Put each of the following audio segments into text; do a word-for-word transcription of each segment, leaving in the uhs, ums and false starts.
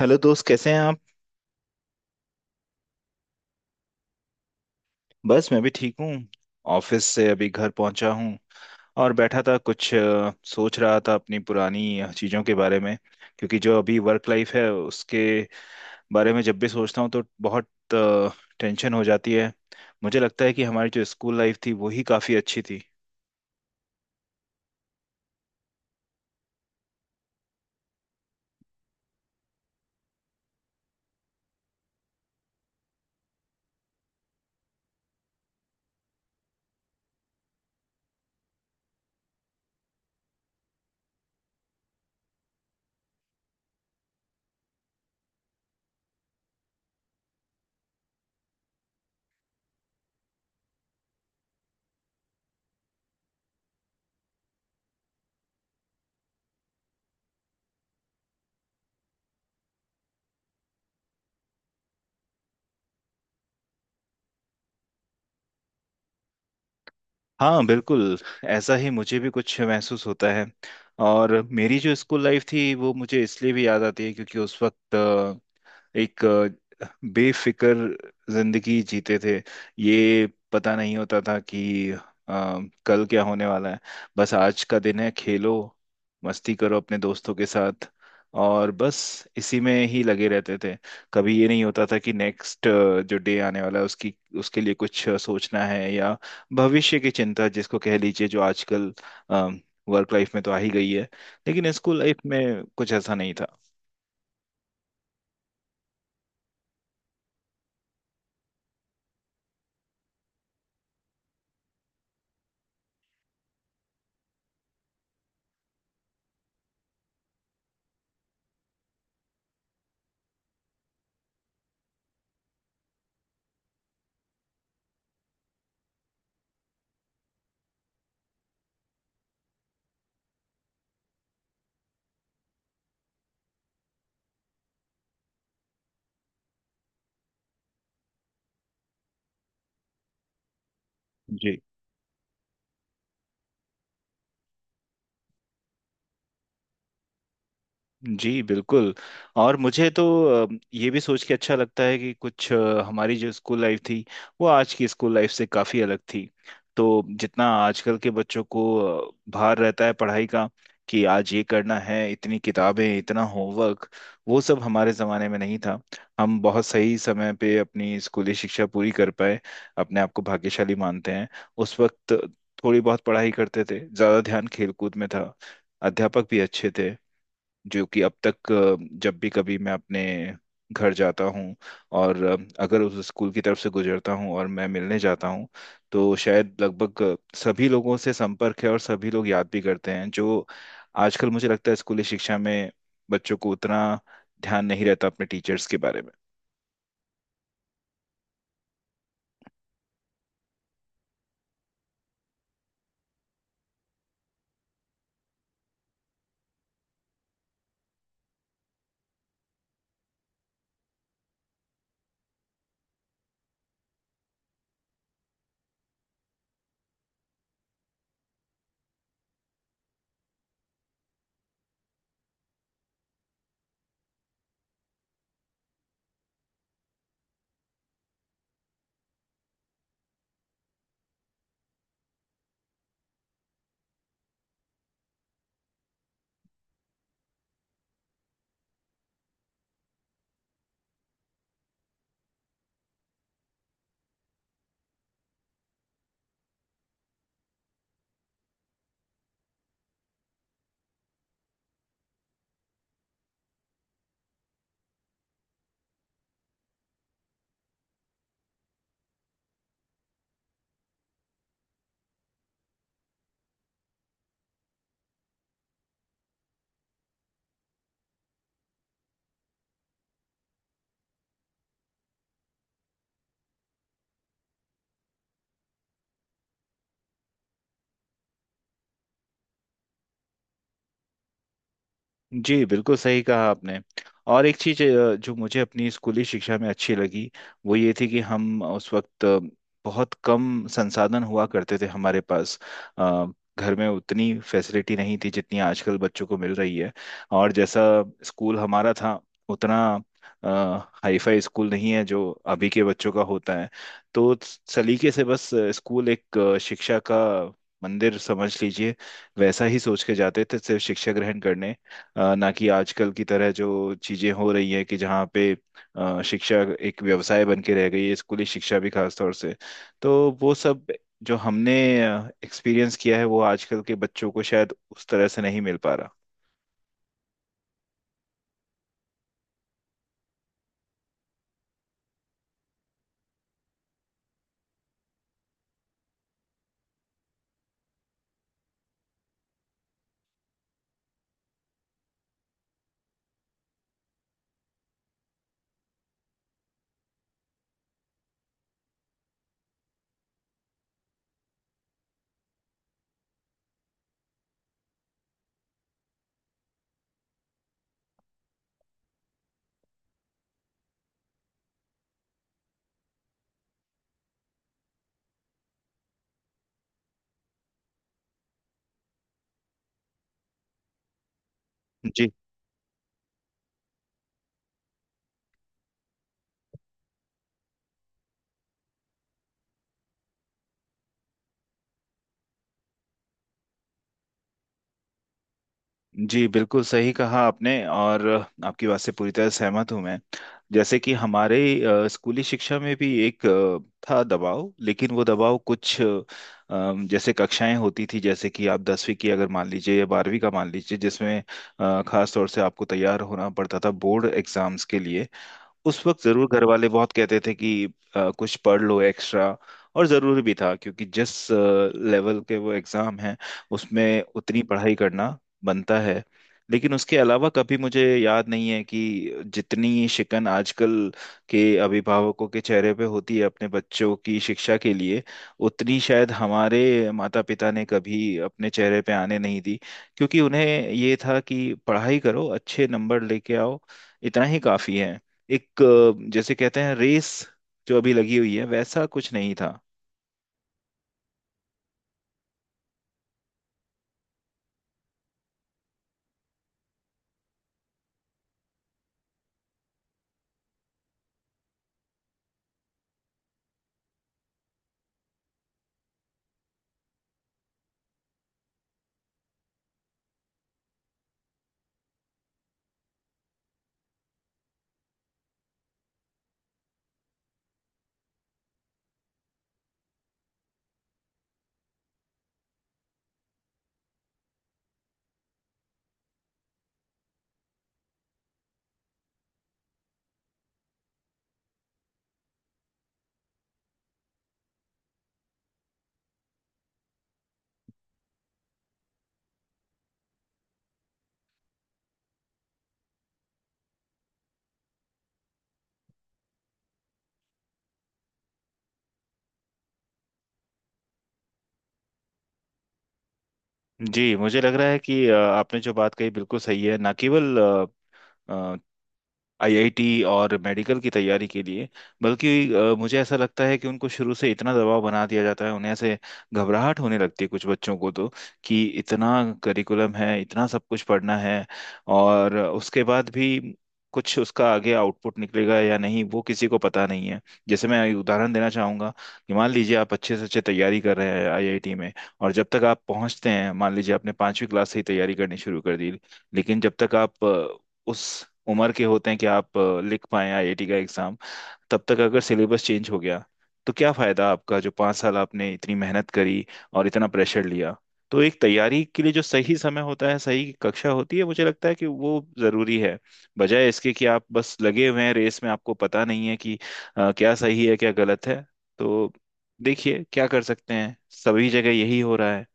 Hello दोस्त, कैसे हैं आप। बस मैं भी ठीक हूँ। ऑफिस से अभी घर पहुंचा हूँ और बैठा था, कुछ अ, सोच रहा था अपनी पुरानी चीज़ों के बारे में। क्योंकि जो अभी वर्क लाइफ है उसके बारे में जब भी सोचता हूँ तो बहुत टेंशन हो जाती है। मुझे लगता है कि हमारी जो स्कूल लाइफ थी वो ही काफ़ी अच्छी थी। हाँ बिल्कुल, ऐसा ही मुझे भी कुछ महसूस होता है। और मेरी जो स्कूल लाइफ थी वो मुझे इसलिए भी याद आती है क्योंकि उस वक्त एक अ, बेफिक्र जिंदगी जीते थे। ये पता नहीं होता था कि अ, कल क्या होने वाला है। बस आज का दिन है, खेलो, मस्ती करो अपने दोस्तों के साथ, और बस इसी में ही लगे रहते थे। कभी ये नहीं होता था कि नेक्स्ट जो डे आने वाला है उसकी, उसके लिए कुछ अ, सोचना है या भविष्य की चिंता, जिसको कह लीजिए जो आजकल वर्क लाइफ में तो आ ही गई है, लेकिन स्कूल लाइफ में कुछ ऐसा नहीं था। जी। जी बिल्कुल। और मुझे तो अ, ये भी सोच के अच्छा लगता है कि कुछ अ, हमारी जो स्कूल लाइफ थी वो आज की स्कूल लाइफ से काफ़ी अलग थी। तो जितना आजकल के बच्चों को अ, भार रहता है पढ़ाई का, कि आज ये करना है, इतनी किताबें, इतना होमवर्क, वो सब हमारे ज़माने में नहीं था। हम बहुत सही समय पे अपनी स्कूली शिक्षा पूरी कर पाए, अपने आप को भाग्यशाली मानते हैं। उस वक्त थोड़ी बहुत पढ़ाई करते थे, ज़्यादा ध्यान खेलकूद में था। अध्यापक भी अच्छे थे, जो कि अब तक अ, जब भी कभी मैं अपने घर जाता हूँ और अ, अगर उस स्कूल की तरफ से गुजरता हूँ और मैं मिलने जाता हूँ, तो शायद लगभग अ, सभी लोगों से संपर्क है और सभी लोग याद भी करते हैं। जो आजकल मुझे लगता है, स्कूली शिक्षा में बच्चों को उतना ध्यान नहीं रहता अपने टीचर्स के बारे में। जी बिल्कुल सही कहा आपने। और एक चीज अ, जो मुझे अपनी स्कूली शिक्षा में अच्छी लगी वो ये थी कि हम उस वक्त अ, बहुत कम संसाधन हुआ करते थे हमारे पास। अ, घर में उतनी फैसिलिटी नहीं थी जितनी आजकल बच्चों को मिल रही है। और जैसा स्कूल हमारा था, उतना हाईफाई स्कूल नहीं है जो अभी के बच्चों का होता है। तो सलीके से बस अ, स्कूल एक अ, शिक्षा का मंदिर समझ लीजिए, वैसा ही सोच के जाते थे सिर्फ शिक्षा ग्रहण करने। अ, ना कि आजकल की तरह जो चीजें हो रही है कि जहाँ पे अ, शिक्षा एक व्यवसाय बन के रह गई है, स्कूली शिक्षा भी खास तौर से। तो वो सब जो हमने एक्सपीरियंस किया है वो आजकल के बच्चों को शायद उस तरह से नहीं मिल पा रहा। जी। जी बिल्कुल सही कहा आपने, और आपकी बात से पूरी तरह सहमत हूं मैं। जैसे कि हमारे अ, स्कूली शिक्षा में भी एक अ, था दबाव, लेकिन वो दबाव कुछ अ, अम, जैसे कक्षाएं होती थी, जैसे कि आप दसवीं की अगर मान लीजिए या बारहवीं का मान लीजिए, जिसमें अ, खास तौर से आपको तैयार होना पड़ता था बोर्ड एग्जाम्स के लिए। उस वक्त जरूर घर वाले बहुत कहते थे कि अ, कुछ पढ़ लो एक्स्ट्रा। और जरूरी भी था, क्योंकि जिस लेवल के वो एग्जाम हैं उसमें उतनी पढ़ाई करना बनता है। लेकिन उसके अलावा कभी मुझे याद नहीं है कि जितनी शिकन आजकल के अभिभावकों के चेहरे पे होती है अपने बच्चों की शिक्षा के लिए, उतनी शायद हमारे माता पिता ने कभी अपने चेहरे पे आने नहीं दी। क्योंकि उन्हें ये था कि पढ़ाई करो, अच्छे नंबर लेके आओ, इतना ही काफी है। एक अ, जैसे कहते हैं रेस जो अभी लगी हुई है, वैसा कुछ नहीं था। जी मुझे लग रहा है कि अ, आपने जो बात कही बिल्कुल सही है। ना केवल आई आई टी और मेडिकल की तैयारी के लिए, बल्कि अ, मुझे ऐसा लगता है कि उनको शुरू से इतना दबाव बना दिया जाता है, उन्हें ऐसे घबराहट होने लगती है, कुछ बच्चों को तो, कि इतना करिकुलम है, इतना सब कुछ पढ़ना है। और उसके बाद भी कुछ उसका आगे आउटपुट निकलेगा या नहीं, वो किसी को पता नहीं है। जैसे मैं एक उदाहरण देना चाहूंगा कि मान लीजिए आप अच्छे से अच्छे तैयारी कर रहे हैं आई आई टी में, और जब तक आप पहुंचते हैं, मान लीजिए आपने पांचवी क्लास से ही तैयारी करनी शुरू कर दी, लेकिन जब तक आप उस उम्र के होते हैं कि आप अ, लिख पाए आई आई टी का एग्जाम, तब तक अगर सिलेबस चेंज हो गया, तो क्या फायदा आपका जो पाँच साल आपने इतनी मेहनत करी और इतना प्रेशर लिया। तो एक तैयारी के लिए जो सही समय होता है, सही कक्षा होती है, मुझे लगता है कि वो जरूरी है, बजाय इसके कि आप बस लगे हुए हैं रेस में, आपको पता नहीं है कि अ, क्या सही है क्या गलत है। तो देखिए क्या कर सकते हैं, सभी जगह यही हो रहा है।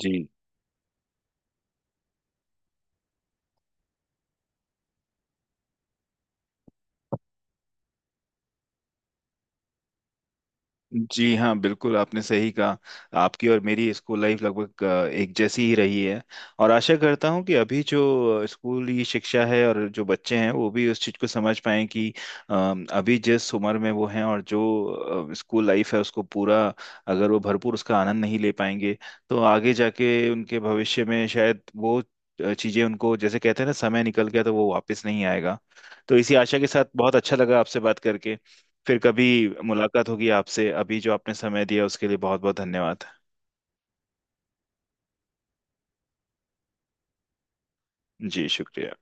जी। जी हाँ बिल्कुल आपने सही कहा। आपकी और मेरी स्कूल लाइफ लगभग अ, एक जैसी ही रही है। और आशा करता हूँ कि अभी जो स्कूली शिक्षा है और जो बच्चे हैं वो भी उस चीज़ को समझ पाएं कि अ, अभी जिस उम्र में वो हैं और जो स्कूल लाइफ है उसको पूरा, अगर वो भरपूर उसका आनंद नहीं ले पाएंगे, तो आगे जाके उनके भविष्य में शायद वो चीज़ें उनको, जैसे कहते हैं ना, समय निकल गया तो वो वापस नहीं आएगा। तो इसी आशा के साथ, बहुत अच्छा लगा आपसे बात करके। फिर कभी मुलाकात होगी आपसे। अभी जो आपने समय दिया उसके लिए बहुत बहुत धन्यवाद। जी शुक्रिया।